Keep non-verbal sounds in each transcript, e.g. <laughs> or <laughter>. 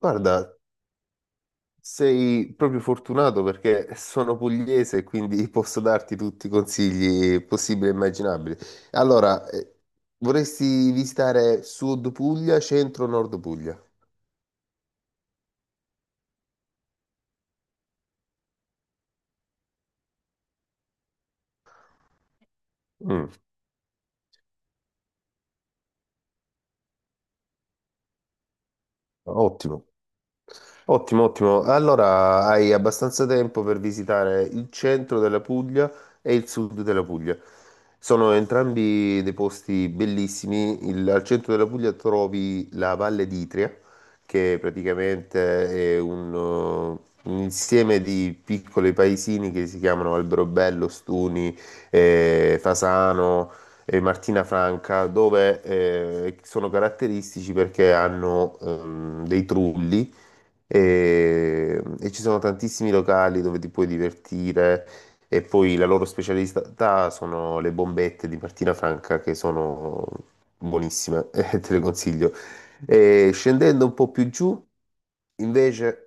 Guarda, sei proprio fortunato perché sono pugliese e quindi <laughs> posso darti tutti i consigli possibili e immaginabili. Allora, vorresti visitare Sud Puglia, Centro, Nord Puglia? Mm, ottimo. Ottimo, ottimo. Allora hai abbastanza tempo per visitare il centro della Puglia e il sud della Puglia. Sono entrambi dei posti bellissimi. Al centro della Puglia trovi la Valle d'Itria, che praticamente è un insieme di piccoli paesini che si chiamano Alberobello, Stuni, Fasano e Martina Franca, dove sono caratteristici perché hanno dei trulli e ci sono tantissimi locali dove ti puoi divertire e poi la loro specialità sono le bombette di Martina Franca che sono buonissime. <laughs> Te le consiglio. E scendendo un po' più giù, invece,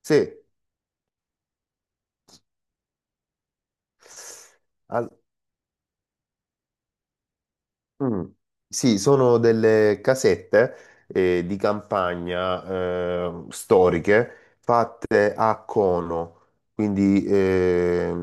sì. al- Mm. Sì, sono delle casette di campagna storiche fatte a cono, quindi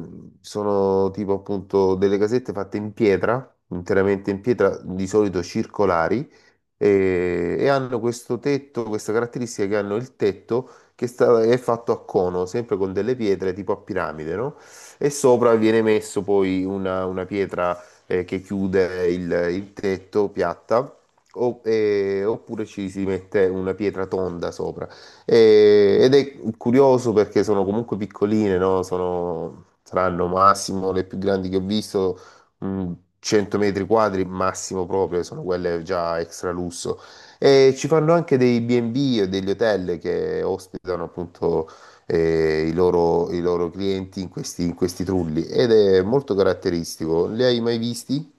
sono tipo appunto delle casette fatte in pietra, interamente in pietra, di solito circolari, e hanno questo tetto, questa caratteristica che hanno il tetto che è fatto a cono, sempre con delle pietre tipo a piramide, no? E sopra viene messo poi una pietra che chiude il tetto piatta, oppure ci si mette una pietra tonda sopra. Ed è curioso perché sono comunque piccoline, no? Saranno massimo le più grandi che ho visto, mh, 100 metri quadri massimo proprio, sono quelle già extra lusso. E ci fanno anche dei B&B o degli hotel che ospitano appunto i loro clienti in questi trulli ed è molto caratteristico. Li hai mai visti?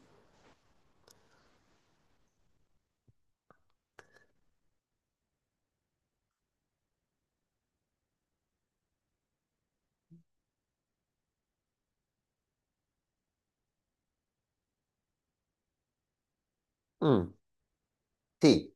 Mm, sì.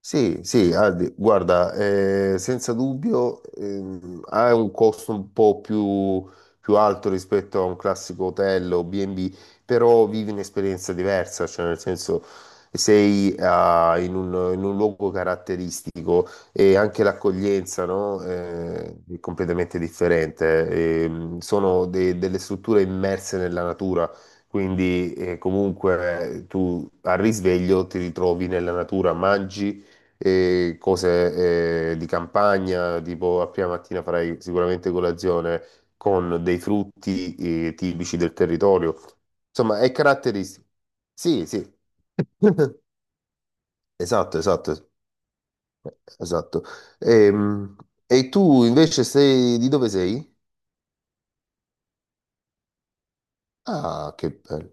Sì, sì, Aldi, guarda, senza dubbio ha un costo un po' più alto rispetto a un classico hotel o B&B, però vivi un'esperienza diversa, cioè nel senso sei in un luogo caratteristico e anche l'accoglienza, no, è completamente differente. Sono delle strutture immerse nella natura. Quindi comunque tu al risveglio ti ritrovi nella natura, mangi, e cose di campagna, tipo a prima mattina farai sicuramente colazione con dei frutti tipici del territorio. Insomma, è caratteristico. Sì, sì. <laughs> Esatto, esatto, esatto. Ehm, tu invece sei di dove sei? Ah, che bello.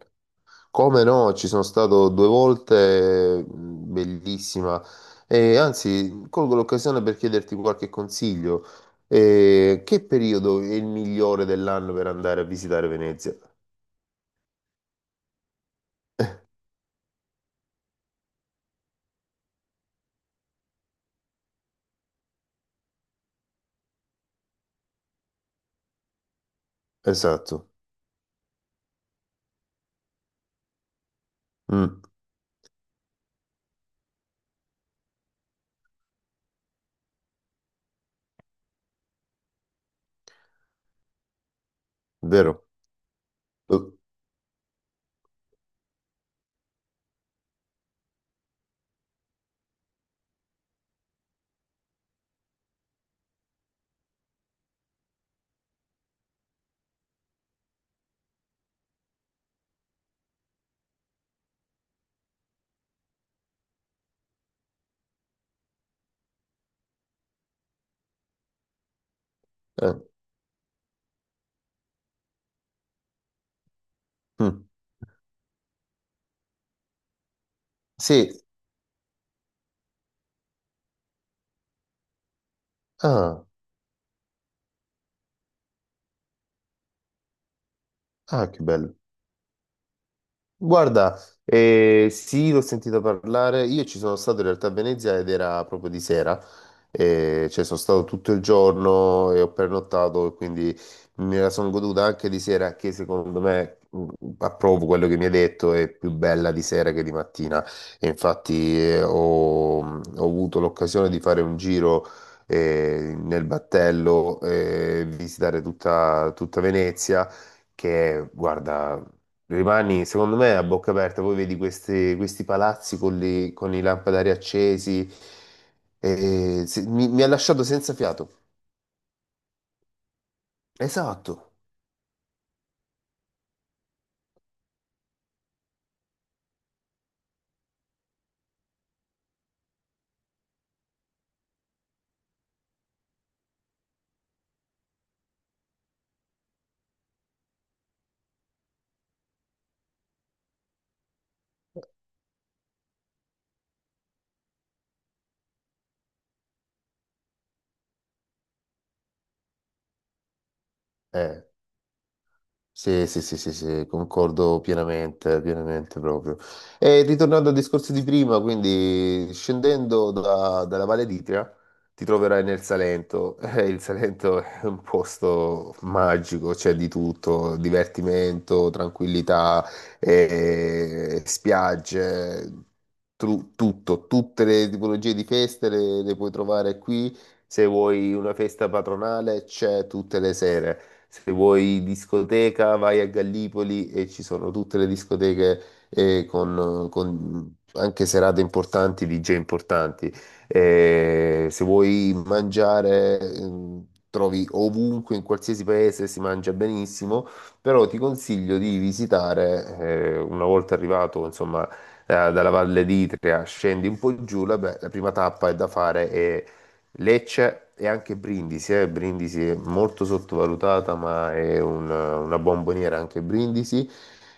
Come no, ci sono stato due volte, bellissima. E anzi, colgo l'occasione per chiederti qualche consiglio. Che periodo è il migliore dell'anno per andare a visitare Venezia? Esatto, Mm, vero. Eh, mm. Sì, ah, ah, che bello. Guarda, sì, l'ho sentito parlare. Io ci sono stato in realtà a Venezia ed era proprio di sera. Cioè sono stato tutto il giorno e ho pernottato, e quindi me la sono goduta anche di sera, che secondo me approvo quello che mi hai detto, è più bella di sera che di mattina. E infatti ho avuto l'occasione di fare un giro. Nel battello, visitare tutta Venezia che guarda, rimani, secondo me, a bocca aperta, poi vedi questi palazzi con, con i lampadari accesi, mi ha lasciato senza fiato. Esatto, eh, sì, sì, sì, sì, sì, concordo pienamente, pienamente proprio. E ritornando al discorso di prima, quindi scendendo dalla Valle d'Itria, ti troverai nel Salento. <laughs> Il Salento è un posto magico, c'è di tutto, divertimento, tranquillità, spiagge, tutto, tutte le tipologie di feste le puoi trovare qui. Se vuoi una festa patronale, c'è tutte le sere. Se vuoi discoteca, vai a Gallipoli e ci sono tutte le discoteche con anche serate importanti, DJ importanti. Se vuoi mangiare, trovi ovunque, in qualsiasi paese si mangia benissimo, però ti consiglio di visitare, una volta arrivato, insomma, dalla Valle d'Itria, scendi un po' giù, la prima tappa è da fare è Lecce e anche Brindisi, eh. Brindisi è molto sottovalutata, ma è una bomboniera anche Brindisi.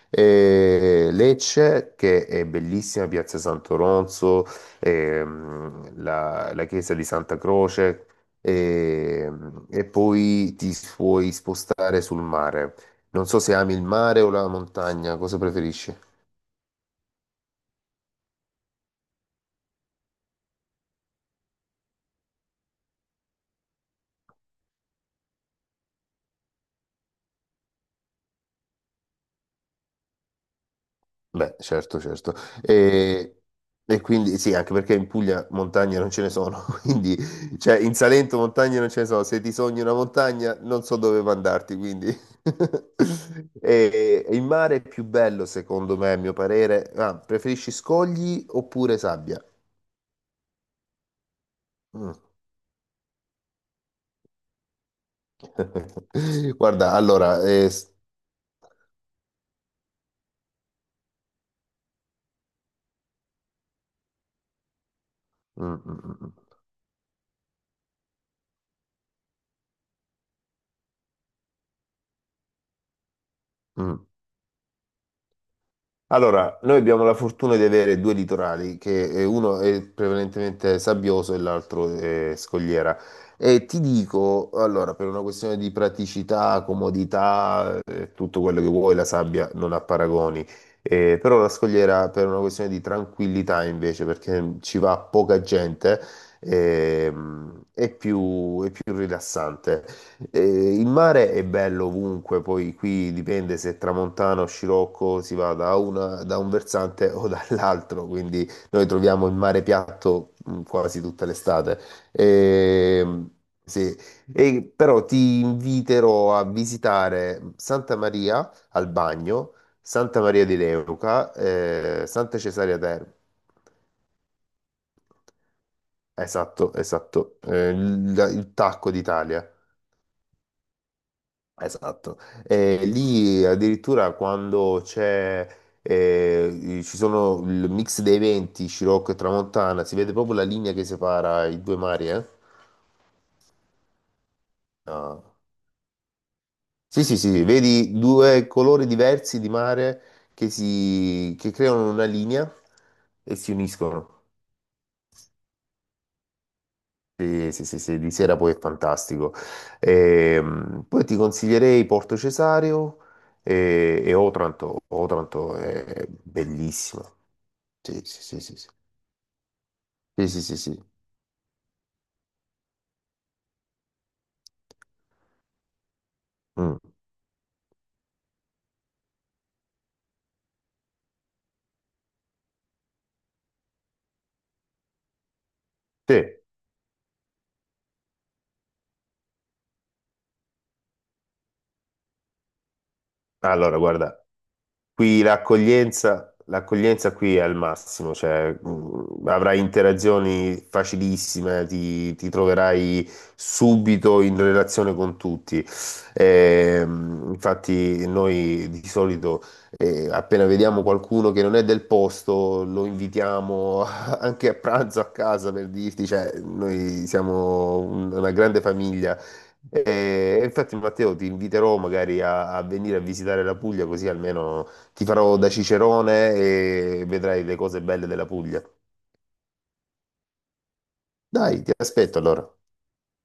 E Lecce, che è bellissima, Piazza Santo Ronzo, la chiesa di Santa Croce, e poi ti puoi spostare sul mare. Non so se ami il mare o la montagna, cosa preferisci? Beh, certo, certo. E, e quindi sì, anche perché in Puglia montagne non ce ne sono, <laughs> quindi cioè in Salento montagne non ce ne sono, se ti sogni una montagna non so dove mandarti, quindi <laughs> e il mare è più bello secondo me, a mio parere. Ah, preferisci scogli oppure sabbia? Mm. <laughs> Guarda, allora, mm, mm, mm, mm. Mm. Allora, noi abbiamo la fortuna di avere due litorali, che uno è prevalentemente sabbioso e l'altro è scogliera. E ti dico, allora, per una questione di praticità, comodità, tutto quello che vuoi, la sabbia non ha paragoni. Però la scogliera per una questione di tranquillità invece, perché ci va poca gente, è è più rilassante. Il mare è bello ovunque, poi qui dipende se è tramontano o scirocco si va da un versante o <laughs> dall'altro, quindi noi troviamo il mare piatto quasi tutta l'estate. Ehm, sì. E però ti inviterò a visitare Santa Maria al Bagno, Santa Maria di Leuca, Santa Cesarea Terme. Esatto, esatto. Il Tacco d'Italia. Esatto. Lì addirittura quando c'è, ci sono il mix dei venti, Scirocco e Tramontana, si vede proprio la linea che separa i due mari, eh? Ah. Sì, sì, sì, sì, vedi due colori diversi di mare che, si, che creano una linea e si uniscono. Sì, sì, sì, sì, di sera poi è fantastico. Poi ti consiglierei Porto Cesario e Otranto. Otranto è bellissima. Sì, sì, sì, sì, sì, sì, sì, sì. Sì. Mm. Sì. Allora, guarda, qui l'accoglienza qui è al massimo, cioè avrai interazioni facilissime, ti troverai subito in relazione con tutti. Infatti noi di solito appena vediamo qualcuno che non è del posto, lo invitiamo <laughs> anche a pranzo a casa per dirti, cioè noi siamo una grande famiglia. E infatti Matteo ti inviterò magari a venire a visitare la Puglia così almeno ti farò da cicerone e vedrai le cose belle della Puglia. Dai, ti aspetto allora.